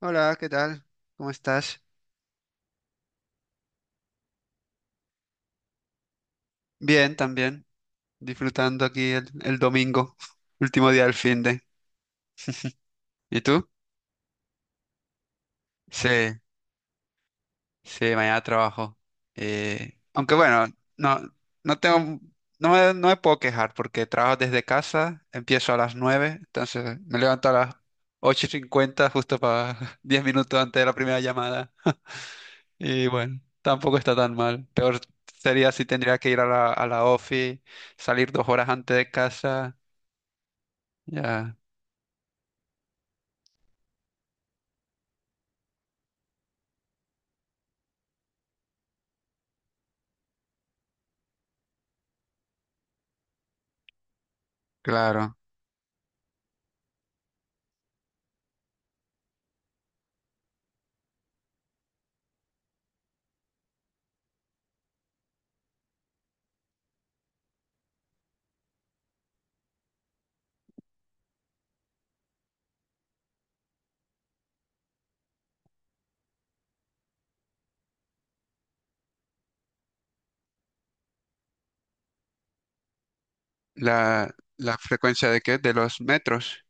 Hola, ¿qué tal? ¿Cómo estás? Bien, también. Disfrutando aquí el domingo, último día del fin de. ¿Y tú? Sí, sí, mañana trabajo. Aunque bueno, no, no tengo, no me puedo quejar porque trabajo desde casa, empiezo a las 9, entonces me levanto a las 8:50 justo para 10 minutos antes de la primera llamada. Y bueno, tampoco está tan mal. Peor sería si tendría que ir a la ofi, salir 2 horas antes de casa. Ya, claro. La frecuencia de qué? De los metros.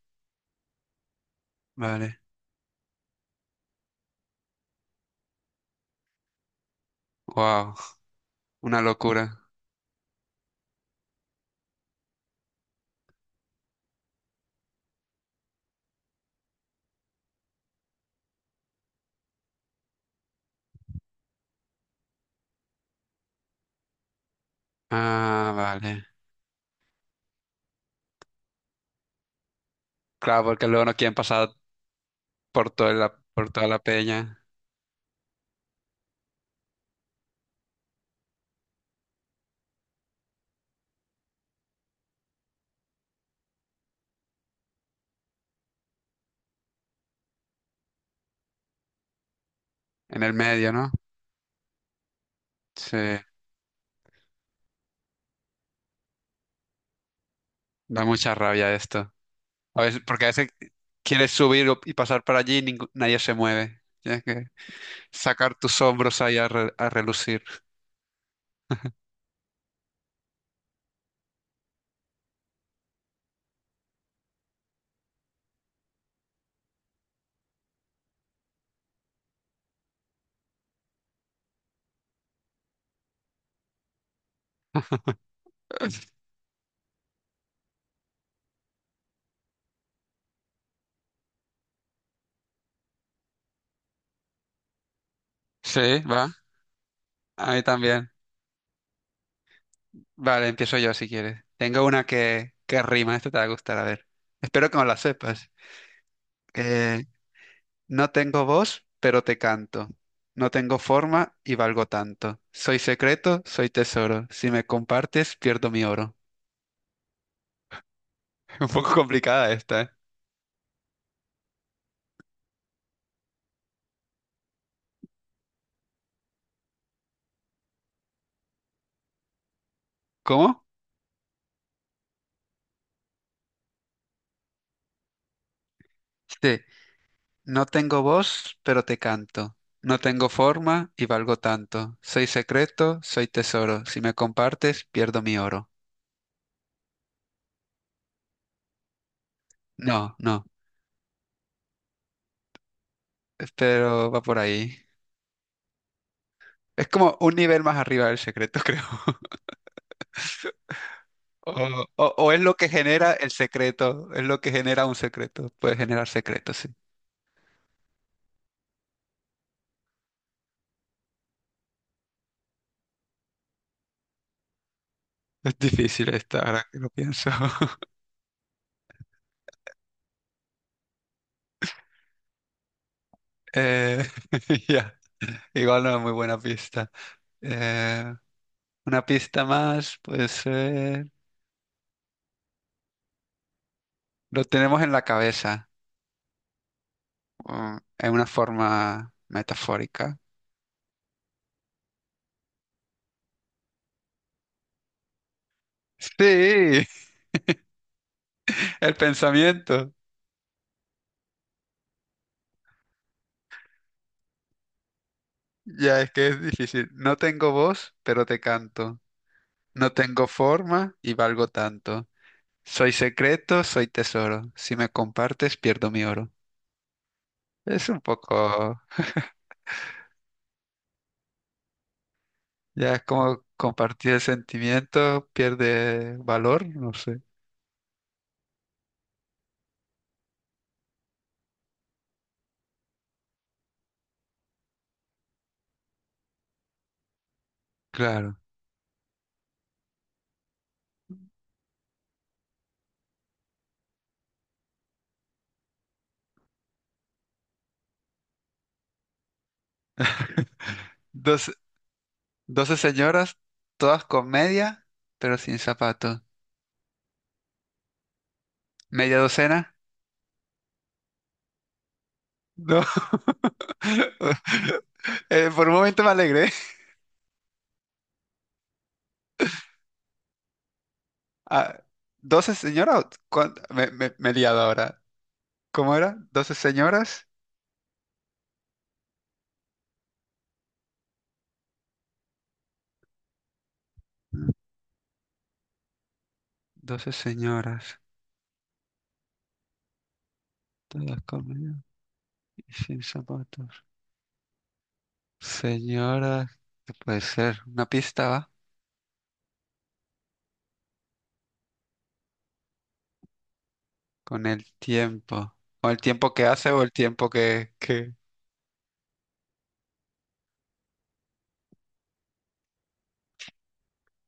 Vale. Wow, una locura. Ah, vale. Claro, porque luego no quieren pasar por toda la peña en el medio, ¿no? Sí, da mucha rabia esto. A veces, porque a veces quieres subir y pasar por allí y nadie se mueve. Tienes que sacar tus hombros ahí a relucir. Sí, va. A mí también. Vale, empiezo yo si quieres. Tengo una que rima, esta te va a gustar, a ver. Espero que no la sepas. Eh, no tengo voz, pero te canto. No tengo forma y valgo tanto. Soy secreto, soy tesoro. Si me compartes, pierdo mi oro. Un poco complicada esta, ¿eh? ¿Cómo? Sí. No tengo voz, pero te canto. No tengo forma y valgo tanto. Soy secreto, soy tesoro. Si me compartes, pierdo mi oro. No, no. Pero va por ahí. Es como un nivel más arriba del secreto, creo. O es lo que genera el secreto, es lo que genera un secreto. Puede generar secretos, sí. Es difícil esta, ahora que lo pienso. Eh, ya. Igual no es muy buena pista. Eh, una pista más, puede ser... Lo tenemos en la cabeza, o en una forma metafórica. Sí, el pensamiento. Ya, es que es difícil. No tengo voz, pero te canto. No tengo forma y valgo tanto. Soy secreto, soy tesoro. Si me compartes, pierdo mi oro. Es un poco, ya es como compartir el sentimiento pierde valor, no sé. Claro. Doce, doce señoras, todas con media, pero sin zapato. ¿Media docena? No. Por un momento me alegré. Ah, ¿12 señoras? Me he liado ahora. ¿Cómo era? ¿12 señoras? 12 señoras, todas comidas y sin zapatos. Señoras, ¿qué puede ser? Una pista va con el tiempo. O el tiempo que hace o el tiempo que...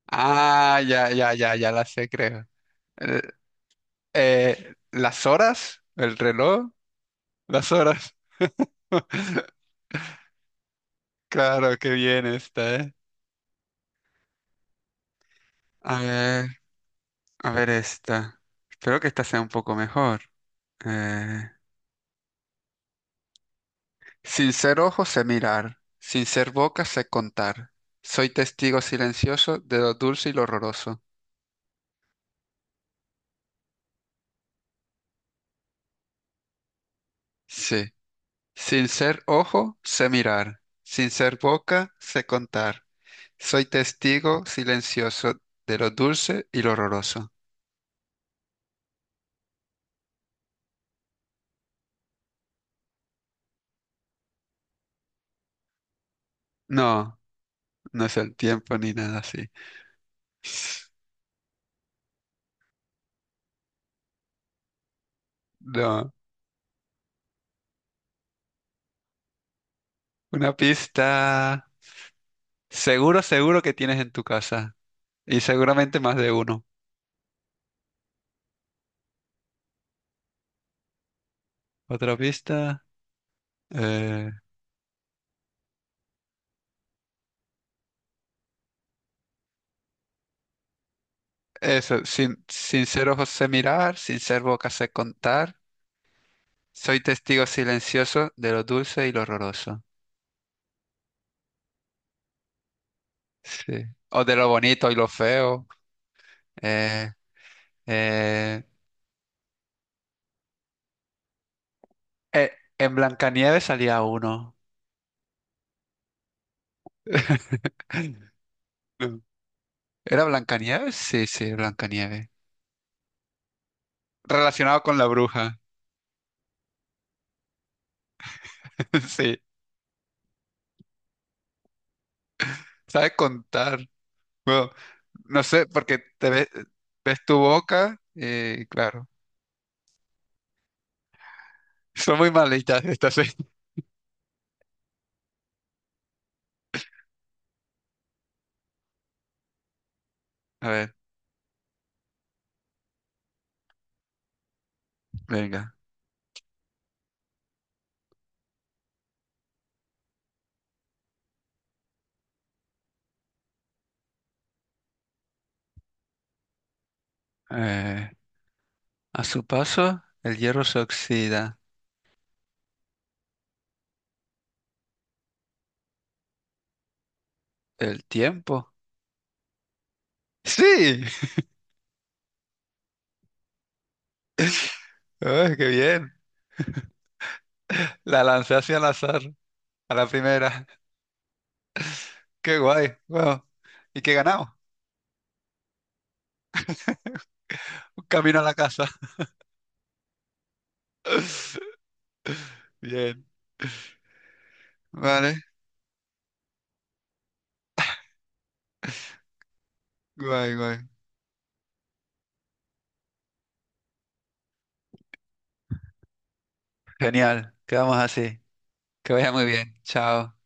Ah, ya, ya, ya, ya la sé, creo. Eh, ¿Las horas? ¿El reloj? Las horas. Claro, qué bien esta, ¿eh? A ver, a ver esta. Espero que esta sea un poco mejor. Eh, Sin ser ojos sé mirar, sin ser boca sé contar. Soy testigo silencioso de lo dulce y lo horroroso. Sí. Sin ser ojo sé mirar, sin ser boca sé contar. Soy testigo silencioso de lo dulce y lo horroroso. No, no es el tiempo ni nada así. No, una pista. Seguro, seguro que tienes en tu casa. Y seguramente más de uno. Otra pista. Eh, Eso, sin ser ojos sé mirar, sin ser boca sé contar. Soy testigo silencioso de lo dulce y lo horroroso. Sí. O de lo bonito y lo feo. Eh, eh, eh, en Blancanieves salía uno. No. ¿Era Blancanieves? Sí, sí, Blancanieves. Relacionado con la bruja. Sí. Sabe contar. Bueno, no sé, porque te ves, ves tu boca y claro. Son muy malitas estas. A ver, venga. Eh, a su paso, el hierro se oxida. El tiempo. ¡Sí! ¡Ay, qué bien! La lancé hacia el azar, a la primera. ¡Qué guay! ¡Wow! ¿Y qué ganamos? Un camino a la casa. Bien. Vale. Guay, guay. Genial. Quedamos así. Que vaya muy bien. Chao.